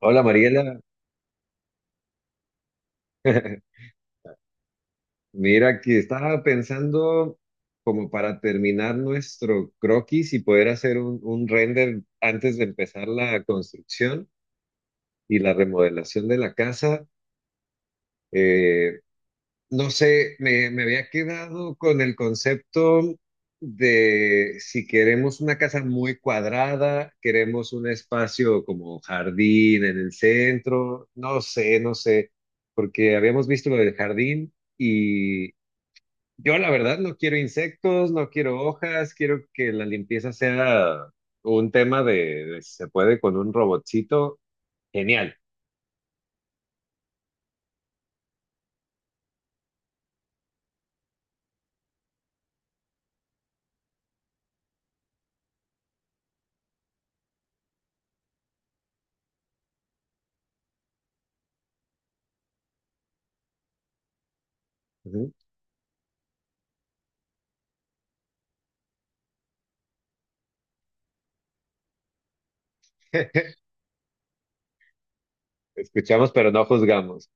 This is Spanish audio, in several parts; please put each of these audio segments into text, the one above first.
Hola Mariela, mira que estaba pensando como para terminar nuestro croquis y poder hacer un render antes de empezar la construcción y la remodelación de la casa. Eh, no sé, me había quedado con el concepto de si queremos una casa muy cuadrada, queremos un espacio como jardín en el centro, no sé, no sé, porque habíamos visto lo del jardín y yo la verdad no quiero insectos, no quiero hojas, quiero que la limpieza sea un tema de si se puede con un robotcito. Genial. Ujú. Escuchamos pero no juzgamos.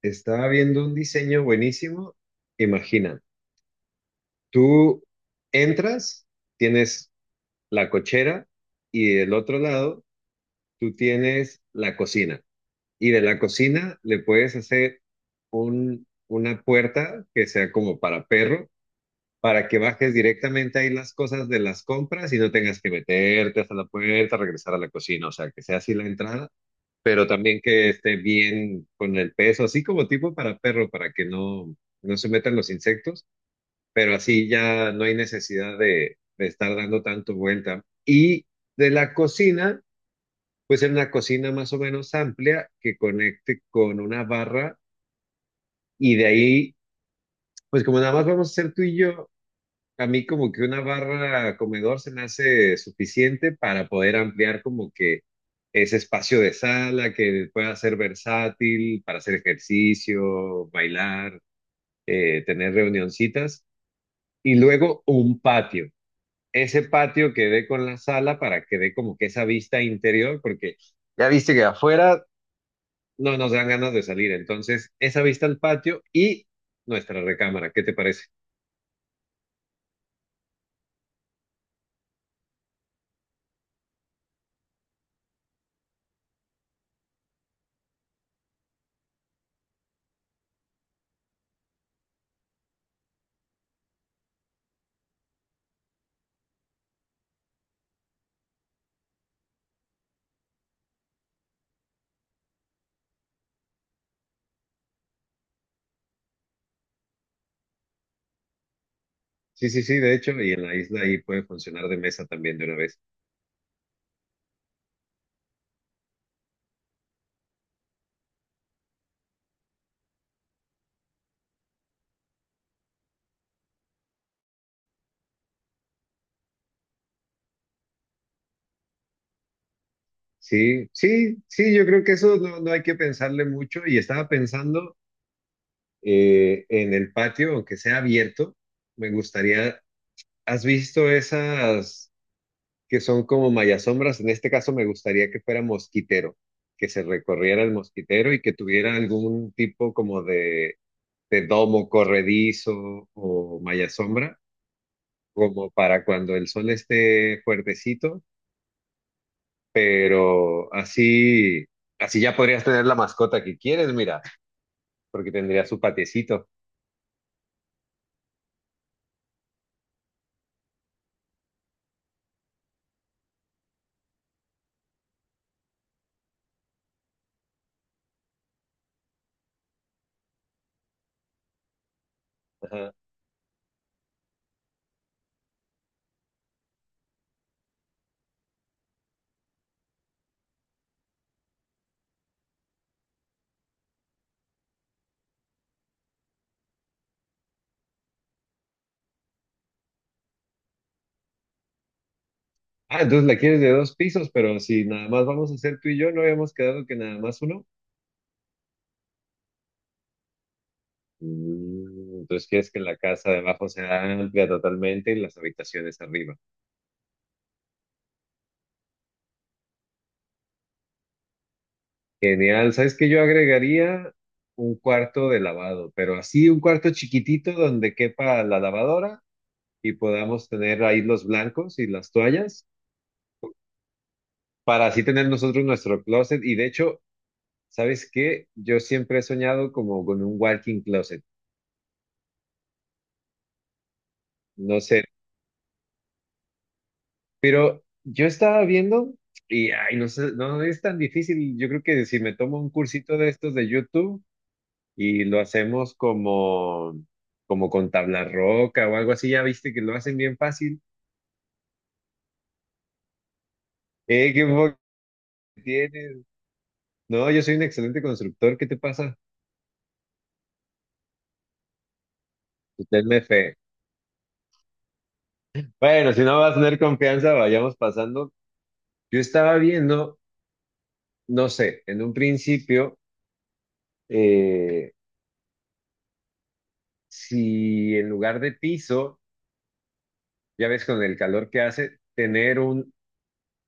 Estaba viendo un diseño buenísimo. Imagina, tú entras, tienes la cochera y del otro lado tú tienes la cocina. Y de la cocina le puedes hacer una puerta que sea como para perro para que bajes directamente ahí las cosas de las compras y no tengas que meterte hasta la puerta, regresar a la cocina, o sea, que sea así la entrada, pero también que esté bien con el peso, así como tipo para perro, para que no, no se metan los insectos, pero así ya no hay necesidad de estar dando tanto vuelta. Y de la cocina, pues en una cocina más o menos amplia que conecte con una barra y de ahí, pues como nada más vamos a ser tú y yo, a mí como que una barra comedor se me hace suficiente para poder ampliar como que ese espacio de sala que pueda ser versátil para hacer ejercicio, bailar, tener reunioncitas y luego un patio. Ese patio que dé con la sala para que dé como que esa vista interior, porque ya viste que afuera no nos dan ganas de salir, entonces esa vista al patio y nuestra recámara, ¿qué te parece? Sí, sí, sí, de hecho, y en la isla ahí puede funcionar de mesa también de una vez. Sí, sí, sí, yo creo que eso no, no hay que pensarle mucho y estaba pensando en el patio, aunque sea abierto, me gustaría, ¿has visto esas que son como mayasombras? En este caso me gustaría que fuera mosquitero, que se recorriera el mosquitero y que tuviera algún tipo como de domo corredizo o mayasombra, como para cuando el sol esté fuertecito pero así, así ya podrías tener la mascota que quieres, mira, porque tendría su patiecito. Ajá. Ah, entonces la quieres de dos pisos, pero si nada más vamos a hacer tú y yo, ¿no habíamos quedado que nada más uno? Mm, entonces quieres que la casa de abajo sea amplia totalmente y las habitaciones arriba. Genial, ¿sabes qué? Yo agregaría un cuarto de lavado, pero así un cuarto chiquitito donde quepa la lavadora y podamos tener ahí los blancos y las toallas para así tener nosotros nuestro closet. Y de hecho, ¿sabes qué? Yo siempre he soñado como con un walking closet, no sé, pero yo estaba viendo y, ay, no sé, no es tan difícil. Yo creo que si me tomo un cursito de estos de YouTube y lo hacemos como, como con tabla roca o algo así, ya viste que lo hacen bien fácil. Qué poco tienes. No, yo soy un excelente constructor, ¿qué te pasa? Usted me fe. Bueno, si no vas a tener confianza, vayamos pasando. Yo estaba viendo no sé, en un principio, eh, si en lugar de piso, ya ves con el calor que hace, tener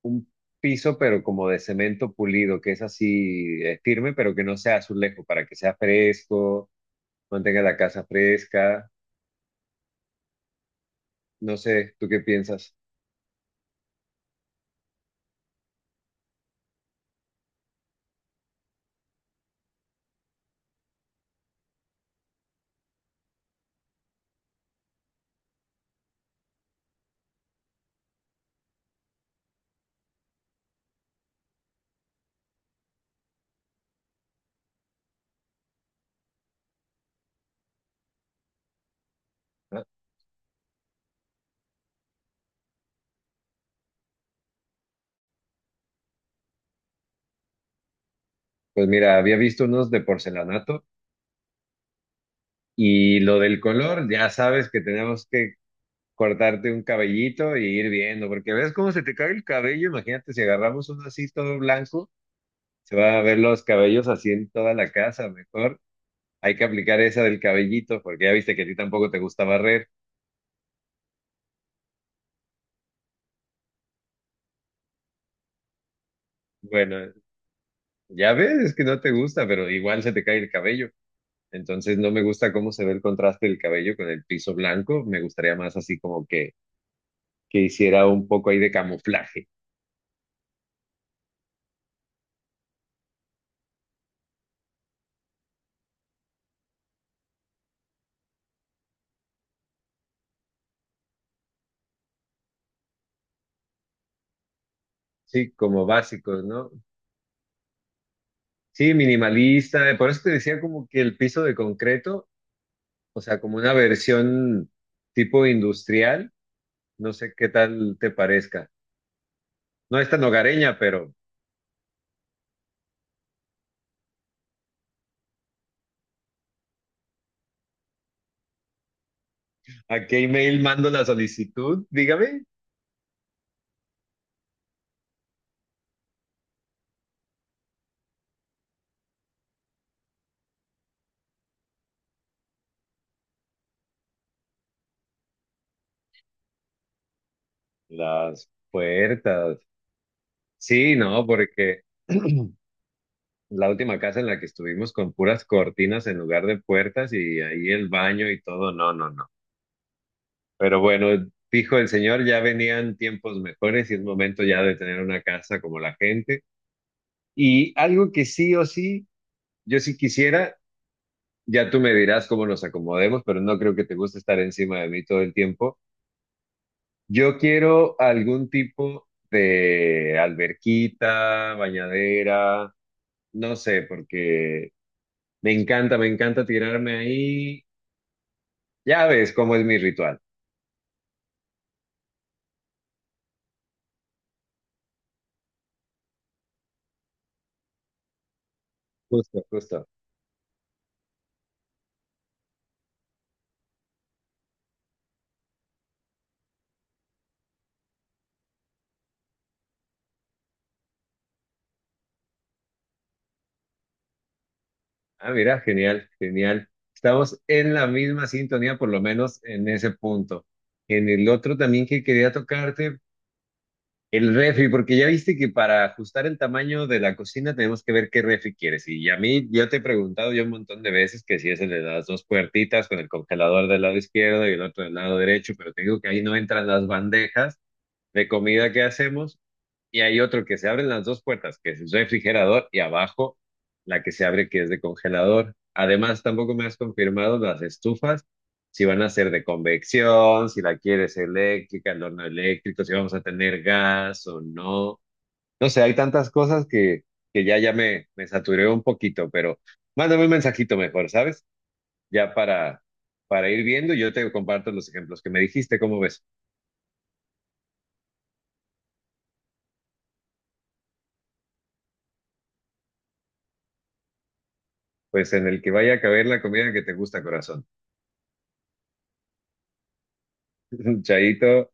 un piso, pero como de cemento pulido, que es así, firme, pero que no sea azulejo, para que sea fresco, mantenga la casa fresca. No sé, ¿tú qué piensas? Ah, pues mira, había visto unos de porcelanato y lo del color, ya sabes que tenemos que cortarte un cabellito y ir viendo, porque ves cómo se te cae el cabello, imagínate si agarramos uno así todo blanco, se van a ver los cabellos así en toda la casa, mejor hay que aplicar esa del cabellito, porque ya viste que a ti tampoco te gusta barrer. Bueno, ya ves, es que no te gusta, pero igual se te cae el cabello. Entonces no me gusta cómo se ve el contraste del cabello con el piso blanco, me gustaría más así como que hiciera un poco ahí de camuflaje, sí, como básicos, ¿no? Sí, minimalista, por eso te decía como que el piso de concreto, o sea, como una versión tipo industrial. No sé qué tal te parezca. No es tan hogareña, pero ¿a qué email mando la solicitud? Dígame. Las puertas. Sí, no, porque la última casa en la que estuvimos con puras cortinas en lugar de puertas y ahí el baño y todo. No, no, no. Pero bueno, dijo el señor, ya venían tiempos mejores y es momento ya de tener una casa como la gente. Y algo que sí o sí, yo sí quisiera. Ya tú me dirás cómo nos acomodemos, pero no creo que te guste estar encima de mí todo el tiempo. Yo quiero algún tipo de alberquita, bañadera, no sé, porque me encanta tirarme ahí. Ya ves cómo es mi ritual. Justo, justo. Ah, mira, genial, genial. Estamos en la misma sintonía, por lo menos en ese punto. En el otro también que quería tocarte, el refri, porque ya viste que para ajustar el tamaño de la cocina tenemos que ver qué refri quieres. Y a mí, yo te he preguntado ya un montón de veces que si es el de las dos puertitas con el congelador del lado izquierdo y el otro del lado derecho, pero te digo que ahí no entran las bandejas de comida que hacemos y hay otro que se abren las dos puertas, que es el refrigerador, y abajo la que se abre, que es de congelador. Además, tampoco me has confirmado las estufas, si van a ser de convección, si la quieres eléctrica, el horno eléctrico, si vamos a tener gas o no. No sé, hay tantas cosas que ya, ya me saturé un poquito, pero mándame un mensajito mejor, ¿sabes? Ya para ir viendo, yo te comparto los ejemplos que me dijiste, ¿cómo ves? Pues en el que vaya a caber la comida que te gusta, corazón. Chaito.